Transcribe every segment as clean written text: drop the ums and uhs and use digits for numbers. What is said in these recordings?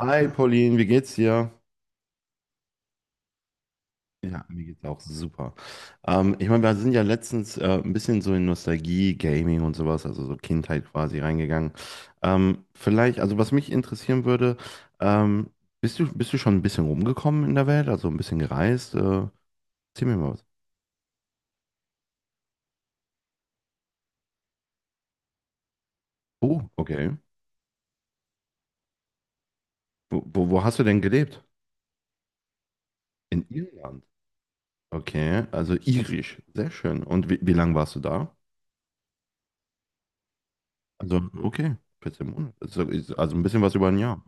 Hi Pauline, wie geht's dir? Ja, mir geht's auch super. Ich meine, wir sind ja letztens ein bisschen so in Nostalgie, Gaming und sowas, also so Kindheit quasi reingegangen. Vielleicht, also was mich interessieren würde, ähm, bist du schon ein bisschen rumgekommen in der Welt, also ein bisschen gereist? Erzähl mir mal was. Oh, okay. Wo hast du denn gelebt? In Irland. Okay, also irisch, sehr schön. Und wie lange warst du da? Also, okay, 14 Monate. Also, also ein bisschen was über ein Jahr.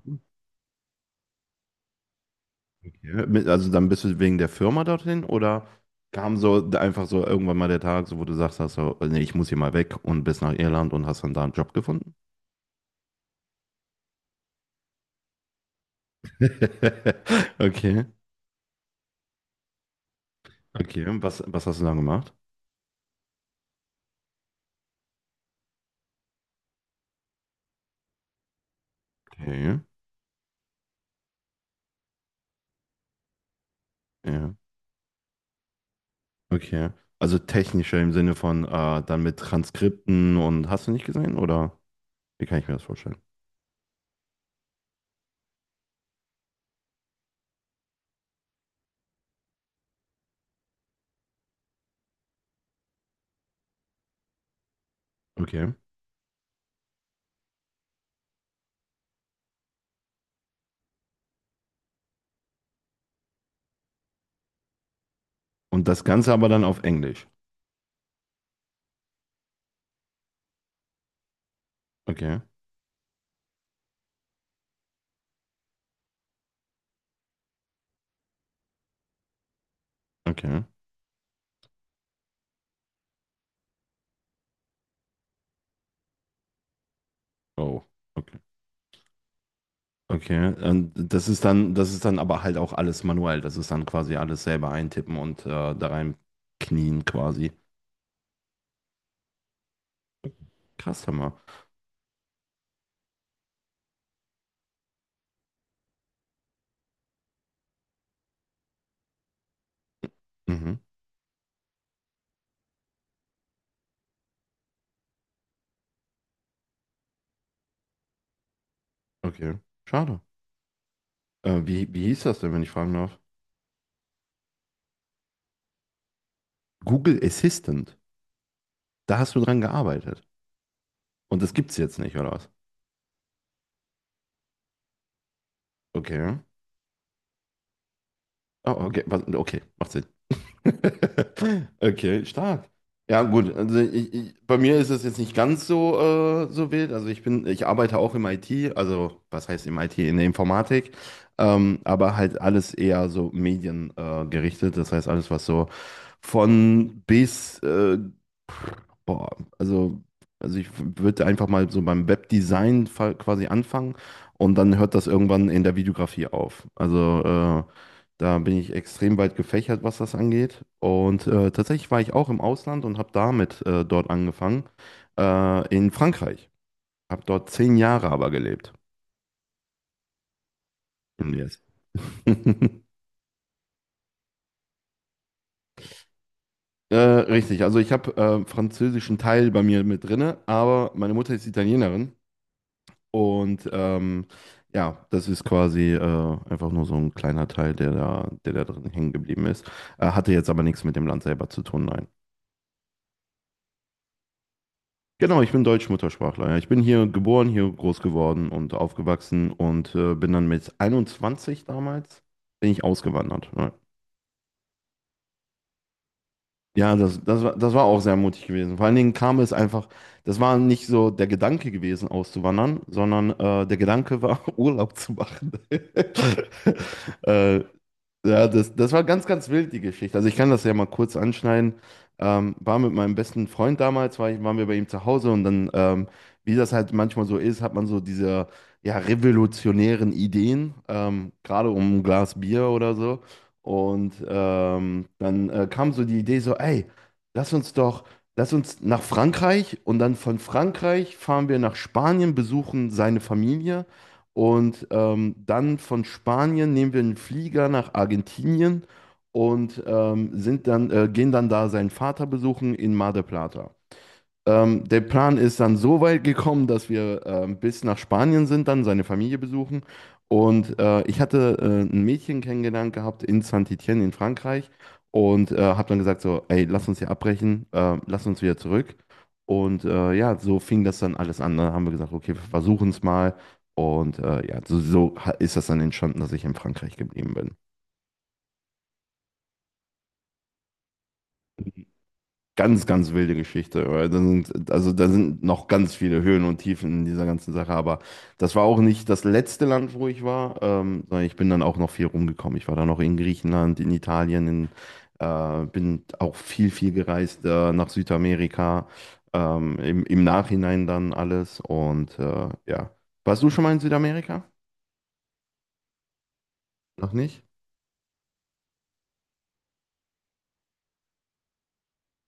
Ja, Also dann bist du wegen der Firma dorthin oder kam so einfach so irgendwann mal der Tag, so wo du sagst, hast so, nee, ich muss hier mal weg und bist nach Irland und hast dann da einen Job gefunden? Okay, okay. Was hast du dann gemacht? Okay, ja, okay. Also technischer im Sinne von dann mit Transkripten und hast du nicht gesehen oder wie kann ich mir das vorstellen? Okay. Und das Ganze aber dann auf Englisch. Okay, okay. Oh, okay. Okay, und das ist dann aber halt auch alles manuell. Das ist dann quasi alles selber eintippen und da rein knien quasi. Krass, Hammer. Mhm. Okay, schade. Wie hieß das denn, wenn ich fragen darf? Google Assistant. Da hast du dran gearbeitet. Und das gibt's jetzt nicht, oder was? Okay. Oh, okay, okay, macht Sinn. Okay, stark. Ja, gut. Also ich, bei mir ist es jetzt nicht ganz so, so wild. Also ich arbeite auch im IT, also was heißt im IT, in der Informatik, aber halt alles eher so mediengerichtet. Gerichtet. Das heißt alles, was so von bis Boah, also, also ich würde einfach mal so beim Webdesign quasi anfangen und dann hört das irgendwann in der Videografie auf. Also äh, da bin ich extrem weit gefächert, was das angeht. Und tatsächlich war ich auch im Ausland und habe damit dort angefangen, in Frankreich. Habe dort 10 Jahre aber gelebt. Yes. Richtig, also ich habe französischen Teil bei mir mit drinne, aber meine Mutter ist Italienerin. Und ja, das ist quasi einfach nur so ein kleiner Teil, der da drin hängen geblieben ist. Hatte jetzt aber nichts mit dem Land selber zu tun, nein. Genau, ich bin Deutsch-Muttersprachler, ja. Ich bin hier geboren, hier groß geworden und aufgewachsen und bin dann mit 21 damals, bin ich ausgewandert. Ja, das war auch sehr mutig gewesen. Vor allen Dingen kam es einfach, das war nicht so der Gedanke gewesen, auszuwandern, sondern der Gedanke war, Urlaub zu machen. äh, Ja, das war ganz wild, die Geschichte. Also ich kann das ja mal kurz anschneiden. War mit meinem besten Freund damals, waren wir bei ihm zu Hause und dann, wie das halt manchmal so ist, hat man so diese ja, revolutionären Ideen, gerade um ein Glas Bier oder so. Und dann kam so die Idee so, ey, lass uns doch, lass uns nach Frankreich und dann von Frankreich fahren wir nach Spanien, besuchen seine Familie. Und dann von Spanien nehmen wir einen Flieger nach Argentinien und gehen dann da seinen Vater besuchen in Mar del Plata. Der Plan ist dann so weit gekommen, dass wir bis nach Spanien sind, dann seine Familie besuchen. Und ich hatte ein Mädchen kennengelernt gehabt in Saint-Étienne in Frankreich und habe dann gesagt so, ey, lass uns hier abbrechen, lass uns wieder zurück. Und ja, so fing das dann alles an. Dann haben wir gesagt, okay, wir versuchen es mal. Und ja, so ist das dann entstanden, dass ich in Frankreich geblieben bin. Ganz wilde Geschichte, weil da sind, also da sind noch ganz viele Höhen und Tiefen in dieser ganzen Sache, aber das war auch nicht das letzte Land, wo ich war, sondern ich bin dann auch noch viel rumgekommen. Ich war dann noch in Griechenland, in Italien, bin auch viel gereist nach Südamerika, im Nachhinein dann alles und ja. Warst du schon mal in Südamerika? Noch nicht?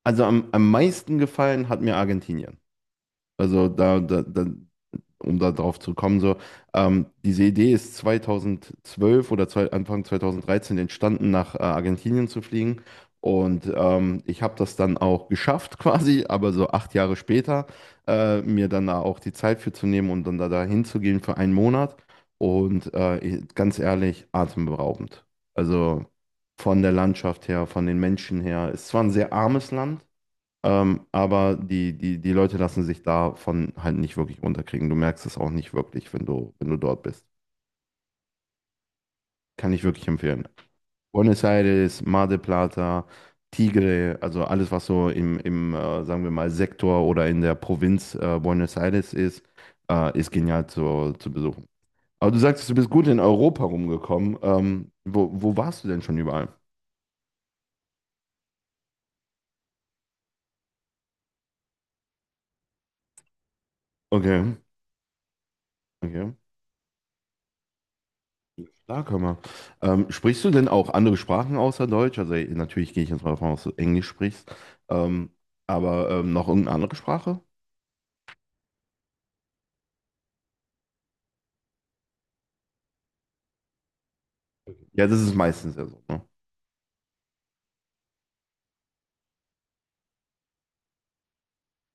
Also am meisten gefallen hat mir Argentinien. Also um da drauf zu kommen, so, diese Idee ist 2012 oder zwei, Anfang 2013 entstanden, nach Argentinien zu fliegen. Und ich habe das dann auch geschafft quasi, aber so 8 Jahre später, mir dann da auch die Zeit für zu nehmen und dann da hinzugehen für einen Monat. Und ganz ehrlich, atemberaubend. Also von der Landschaft her, von den Menschen her. Es war ein sehr armes Land, aber die Leute lassen sich davon halt nicht wirklich runterkriegen. Du merkst es auch nicht wirklich, wenn du, wenn du dort bist. Kann ich wirklich empfehlen. Buenos Aires, Mar del Plata, Tigre, also alles, was so im sagen wir mal, Sektor oder in der Provinz Buenos Aires ist, ist genial zu besuchen. Aber du sagtest, du bist gut in Europa rumgekommen. Wo warst du denn schon überall? Okay, okay. Klar kann man. Sprichst du denn auch andere Sprachen außer Deutsch? Also natürlich gehe ich jetzt mal davon aus, dass du Englisch sprichst. Ähm, aber noch irgendeine andere Sprache? Ja, das ist meistens ja so, ne?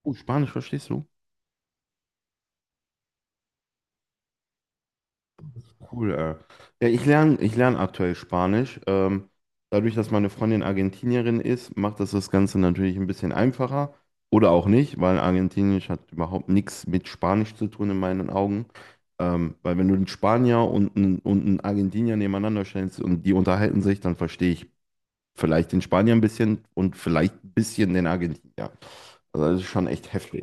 Oh, Spanisch verstehst du? Cool, Ja, ich lerne aktuell Spanisch. Dadurch, dass meine Freundin Argentinierin ist, macht das das Ganze natürlich ein bisschen einfacher. Oder auch nicht, weil Argentinisch hat überhaupt nichts mit Spanisch zu tun in meinen Augen. Weil wenn du einen Spanier und und einen Argentinier nebeneinander stellst und die unterhalten sich, dann verstehe ich vielleicht den Spanier ein bisschen und vielleicht ein bisschen den Argentinier. Also das ist schon echt heftig.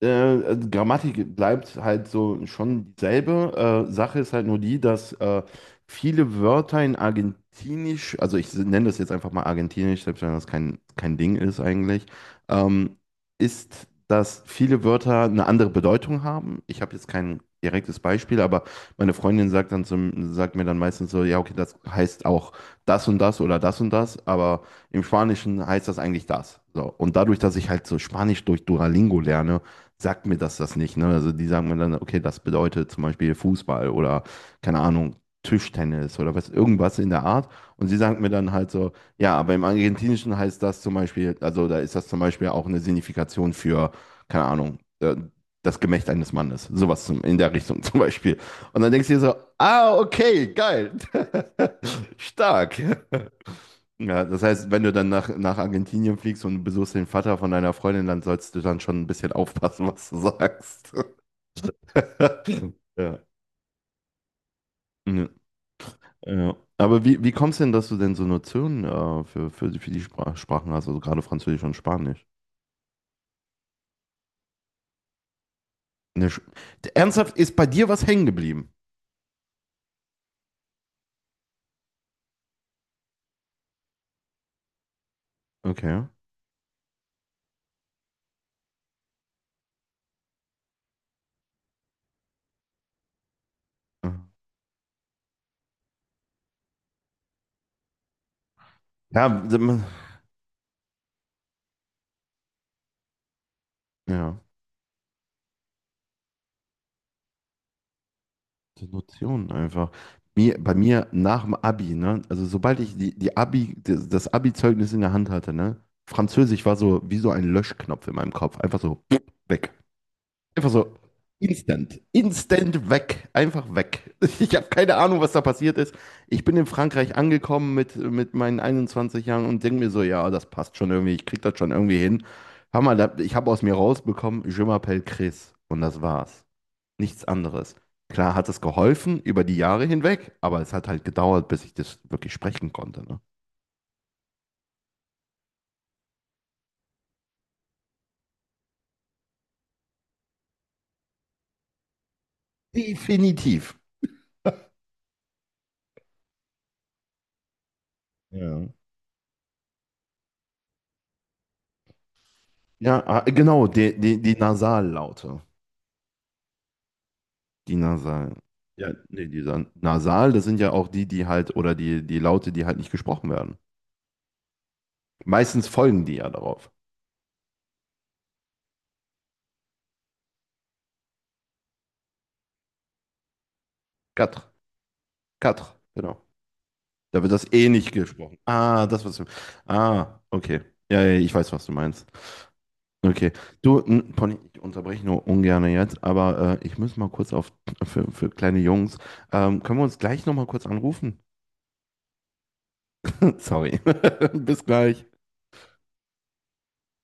Also Grammatik bleibt halt so schon dieselbe. Sache ist halt nur die, dass viele Wörter in Argentinisch, also ich nenne das jetzt einfach mal Argentinisch, selbst wenn das kein Ding ist eigentlich, ähm, ist, dass viele Wörter eine andere Bedeutung haben. Ich habe jetzt kein direktes Beispiel, aber meine Freundin sagt dann sagt mir dann meistens so, ja, okay, das heißt auch das und das oder das und das, aber im Spanischen heißt das eigentlich das. So. Und dadurch, dass ich halt so Spanisch durch Duolingo lerne, sagt mir das das nicht. Ne? Also die sagen mir dann, okay, das bedeutet zum Beispiel Fußball oder keine Ahnung, Tischtennis oder was, irgendwas in der Art. Und sie sagen mir dann halt so, ja, aber im Argentinischen heißt das zum Beispiel, also da ist das zum Beispiel auch eine Signifikation für, keine Ahnung, das Gemächt eines Mannes. Sowas in der Richtung zum Beispiel. Und dann denkst du dir so, ah, okay, geil. Stark. Ja, das heißt, wenn du dann nach Argentinien fliegst und besuchst den Vater von deiner Freundin, dann sollst du dann schon ein bisschen aufpassen, was du sagst. Ja. Ja. Ja. Aber wie kommst du denn, dass du denn so Notionen für die Sprachen hast, also gerade Französisch und Spanisch? Ne, Sch- Ernsthaft, ist bei dir was hängen geblieben? Okay. Ja, ja. Die Notionen einfach. Bei mir nach dem Abi, ne? Also sobald ich das Abi-Zeugnis in der Hand hatte, ne? Französisch war so wie so ein Löschknopf in meinem Kopf. Einfach so weg. Einfach so instant. Instant weg. Einfach weg. Ich habe keine Ahnung, was da passiert ist. Ich bin in Frankreich angekommen mit meinen 21 Jahren und denke mir so, ja, das passt schon irgendwie. Ich krieg das schon irgendwie hin. Hör mal, ich habe aus mir rausbekommen, Je m'appelle Chris. Und das war's nichts anderes. Klar hat es geholfen über die Jahre hinweg, aber es hat halt gedauert, bis ich das wirklich sprechen konnte. Ne? Definitiv. Ja. Ja, ah, genau, die Nasallaute. Die Nasal. Ja, nee, dieser Nasal, das sind ja auch die halt, oder die Laute, die halt nicht gesprochen werden. Meistens folgen die ja darauf. Katr, Katr, genau. Da wird das eh nicht gesprochen. Ah, das, was du. Ah, okay. Ja, ja, ich weiß, was du meinst. Okay. Du, Pony, ich unterbreche nur ungern jetzt, aber ich muss mal kurz auf für kleine Jungs. Können wir uns gleich nochmal kurz anrufen? Sorry. Bis gleich.